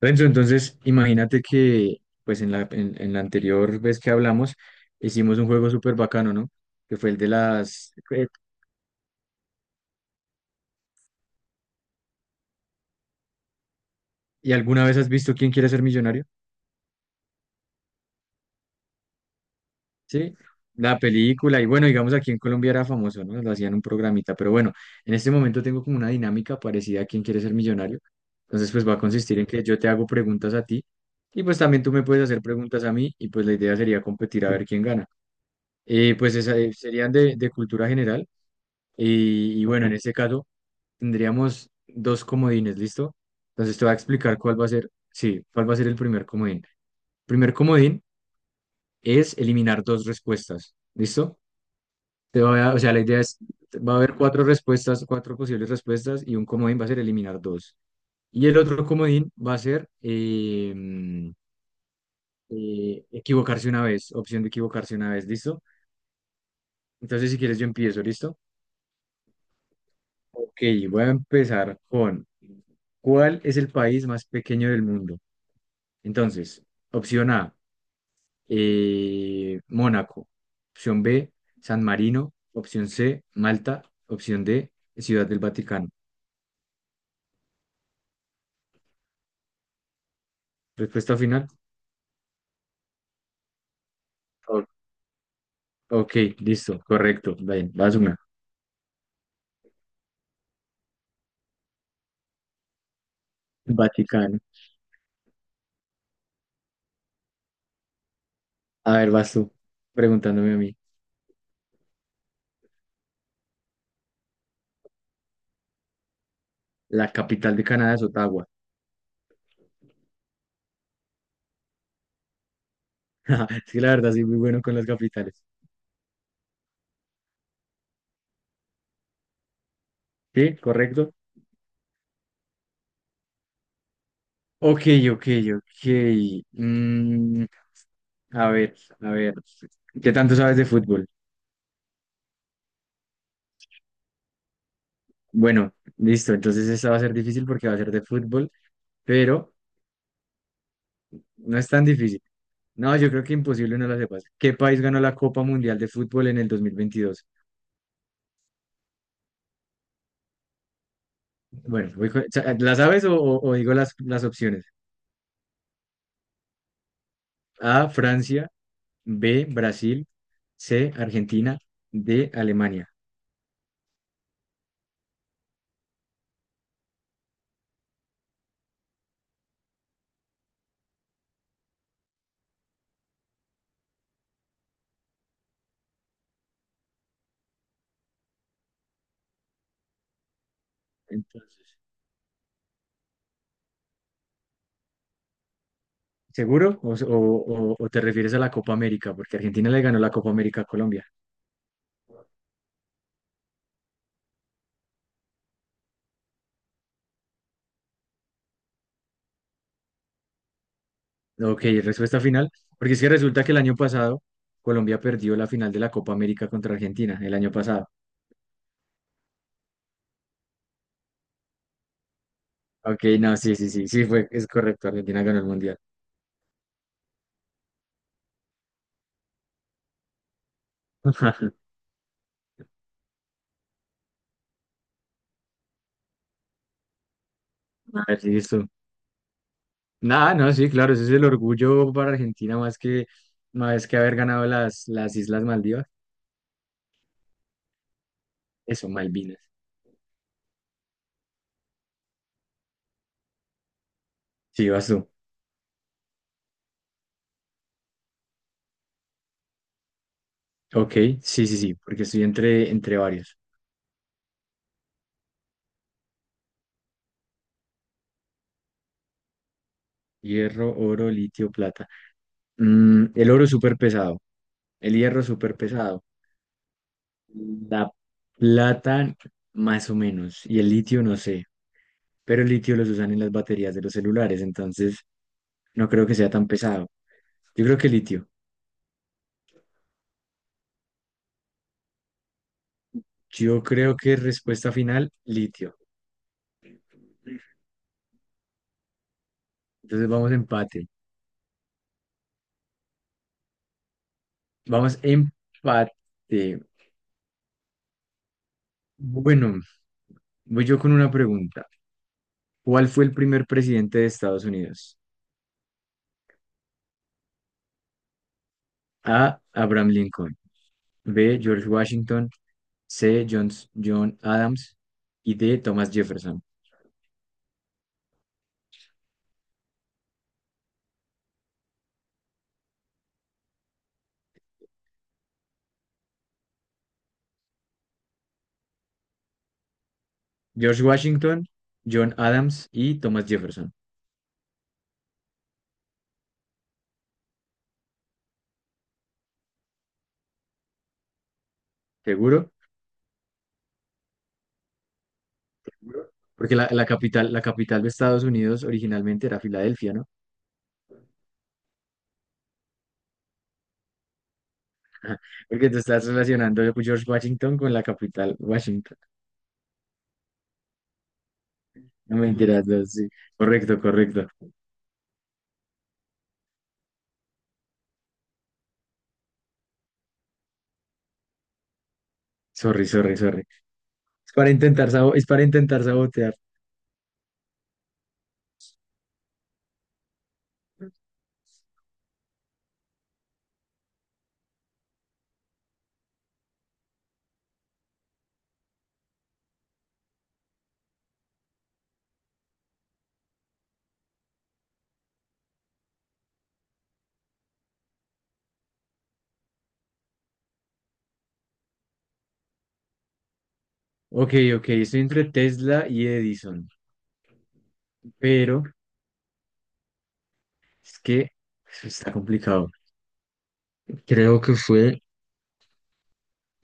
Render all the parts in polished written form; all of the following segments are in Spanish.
Renzo, entonces imagínate que pues en la anterior vez que hablamos hicimos un juego súper bacano, ¿no? Que fue el de las. ¿Y alguna vez has visto quién quiere ser millonario? Sí, la película. Y bueno, digamos aquí en Colombia era famoso, ¿no? Lo hacían un programita. Pero bueno, en este momento tengo como una dinámica parecida a quién quiere ser millonario. Entonces pues va a consistir en que yo te hago preguntas a ti y pues también tú me puedes hacer preguntas a mí y pues la idea sería competir a ver quién gana. Pues esa, serían de cultura general. Y bueno, en este caso tendríamos dos comodines, ¿listo? Entonces te voy a explicar cuál va a ser, sí, cuál va a ser el primer comodín. Primer comodín es eliminar dos respuestas, ¿listo? O sea, la idea es, va a haber cuatro respuestas, cuatro posibles respuestas y un comodín va a ser eliminar dos. Y el otro comodín va a ser equivocarse una vez, opción de equivocarse una vez, ¿listo? Entonces, si quieres, yo empiezo, ¿listo? Ok, voy a empezar con ¿cuál es el país más pequeño del mundo? Entonces, opción A, Mónaco. Opción B, San Marino. Opción C, Malta. Opción D, Ciudad del Vaticano. Respuesta final. O- Ok, listo, correcto. Bien, vas una. Vaticano. A ver, vas tú preguntándome a mí. La capital de Canadá es Ottawa. Es que la verdad soy muy bueno con las capitales. ¿Sí? ¿Correcto? Ok, ok, ok. Mm, A ver, a ver, ¿qué tanto sabes de fútbol? Bueno, listo, entonces esta va a ser difícil porque va a ser de fútbol, pero no es tan difícil. No, yo creo que imposible no la sepas. ¿Qué país ganó la Copa Mundial de Fútbol en el 2022? Bueno, ¿la sabes o digo las opciones? A, Francia, B, Brasil, C, Argentina, D, Alemania. Entonces, ¿seguro? ¿O te refieres a la Copa América? Porque Argentina le ganó la Copa América a Colombia. Ok, respuesta final, porque es que resulta que el año pasado Colombia perdió la final de la Copa América contra Argentina, el año pasado. Ok, no, sí, sí, sí, sí, fue, es correcto, Argentina ganó el Mundial. Ah, listo. Nada, no, sí, claro, ese es el orgullo para Argentina más que haber ganado las Islas Maldivas. Eso, Malvinas. Sí, vas tú. Ok, sí, sí, sí, porque estoy entre, entre varios. Hierro, oro, litio, plata. Mm, el oro súper pesado, el hierro súper pesado. La plata, más o menos, y el litio, no sé, pero el litio los usan en las baterías de los celulares, entonces no creo que sea tan pesado. Yo creo que litio. Yo creo que respuesta final, litio. Entonces vamos empate. Vamos empate. Bueno, voy yo con una pregunta. ¿Cuál fue el primer presidente de Estados Unidos? A. Abraham Lincoln. B. George Washington. C. John, John Adams. Y D. Thomas Jefferson. George Washington, John Adams y Thomas Jefferson. ¿Seguro? Porque la capital, la capital de Estados Unidos originalmente era Filadelfia, ¿no? Porque te estás relacionando a George Washington con la capital Washington. No me mentiras, no, sí. Correcto, correcto. Sorry, sorry, sorry. Es para intentar, es para intentar sabotear. Ok, ok, estoy entre Tesla y Edison, pero es que eso está complicado. Creo que fue,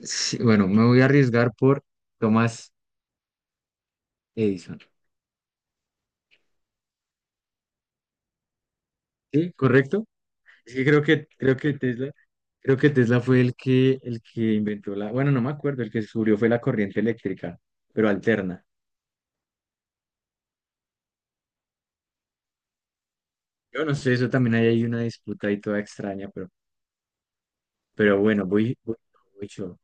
sí, bueno, me voy a arriesgar por Thomas Edison. ¿Sí? ¿Correcto? Es que creo que, creo que Tesla fue el que inventó la, bueno, no me acuerdo, el que descubrió fue la corriente eléctrica, pero alterna. Yo no sé, eso también hay ahí una disputa ahí toda extraña, pero bueno, voy yo.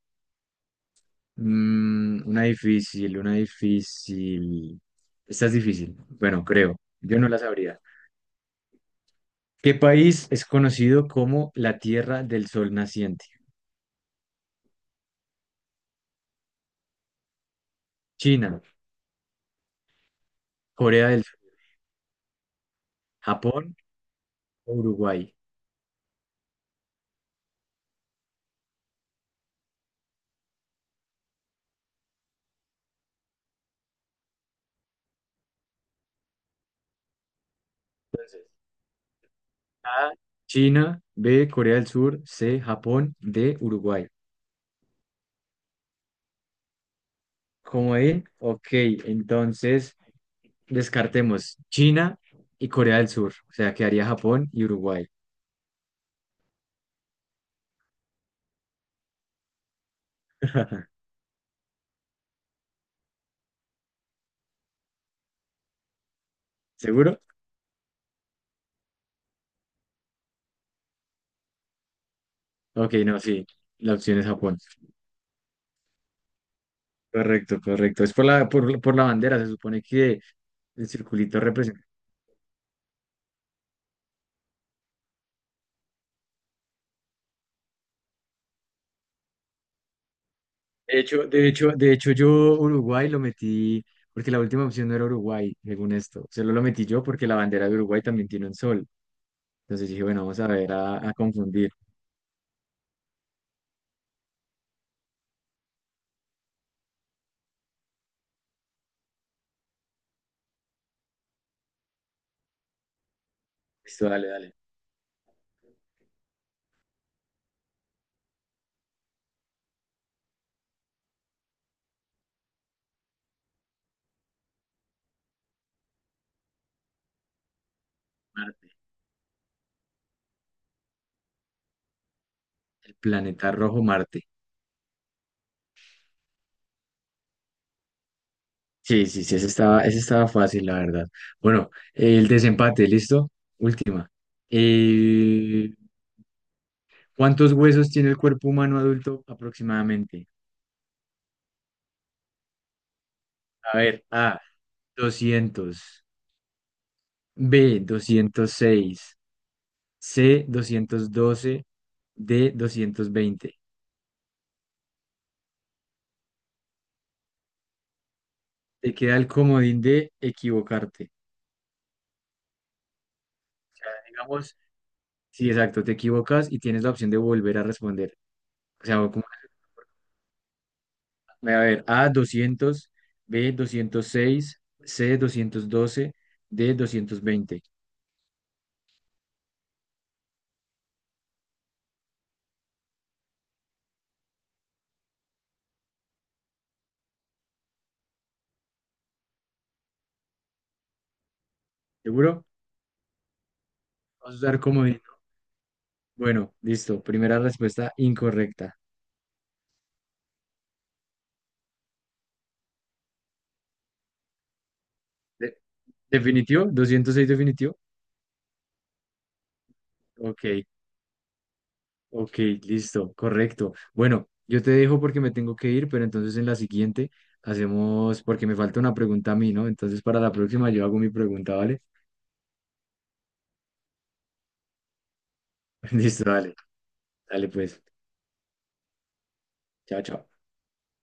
Mm, una difícil, una difícil. Esta es difícil, bueno, creo. Yo no la sabría. ¿Qué país es conocido como la Tierra del Sol Naciente? China, Corea del Sur, Japón o Uruguay. A, China, B, Corea del Sur, C, Japón, D, Uruguay. Como ahí, ok, entonces descartemos China y Corea del Sur, o sea, quedaría Japón y Uruguay. ¿Seguro? Ok, no, sí, la opción es Japón. Correcto, correcto. Es por la bandera, se supone que el circulito representa. De hecho, de hecho, de hecho, yo Uruguay lo metí porque la última opción no era Uruguay, según esto. Solo lo metí yo porque la bandera de Uruguay también tiene un sol. Entonces dije, bueno, vamos a ver a confundir. Listo, dale, dale. Marte. El planeta rojo Marte. Sí, sí, sí, ese estaba fácil, la verdad. Bueno, el desempate, ¿listo? Última. Eh, ¿Cuántos huesos tiene el cuerpo humano adulto aproximadamente? A ver, A, 200, B, 206, C, 212, D, 220. Te queda el comodín de equivocarte. O sea, digamos, sí, exacto, te equivocas y tienes la opción de volver a responder. O sea, como, voy a ver, A, 200, B, doscientos seis, C, doscientos doce, D, doscientos veinte. ¿Seguro? Vamos a usar comodín, ¿no? Bueno, listo. Primera respuesta incorrecta. De- ¿Definitivo? ¿206 definitivo? Ok. Ok, listo, correcto. Bueno, yo te dejo porque me tengo que ir, pero entonces en la siguiente hacemos, porque me falta una pregunta a mí, ¿no? Entonces para la próxima yo hago mi pregunta, ¿vale? Listo, dale, dale pues. Chao, chao.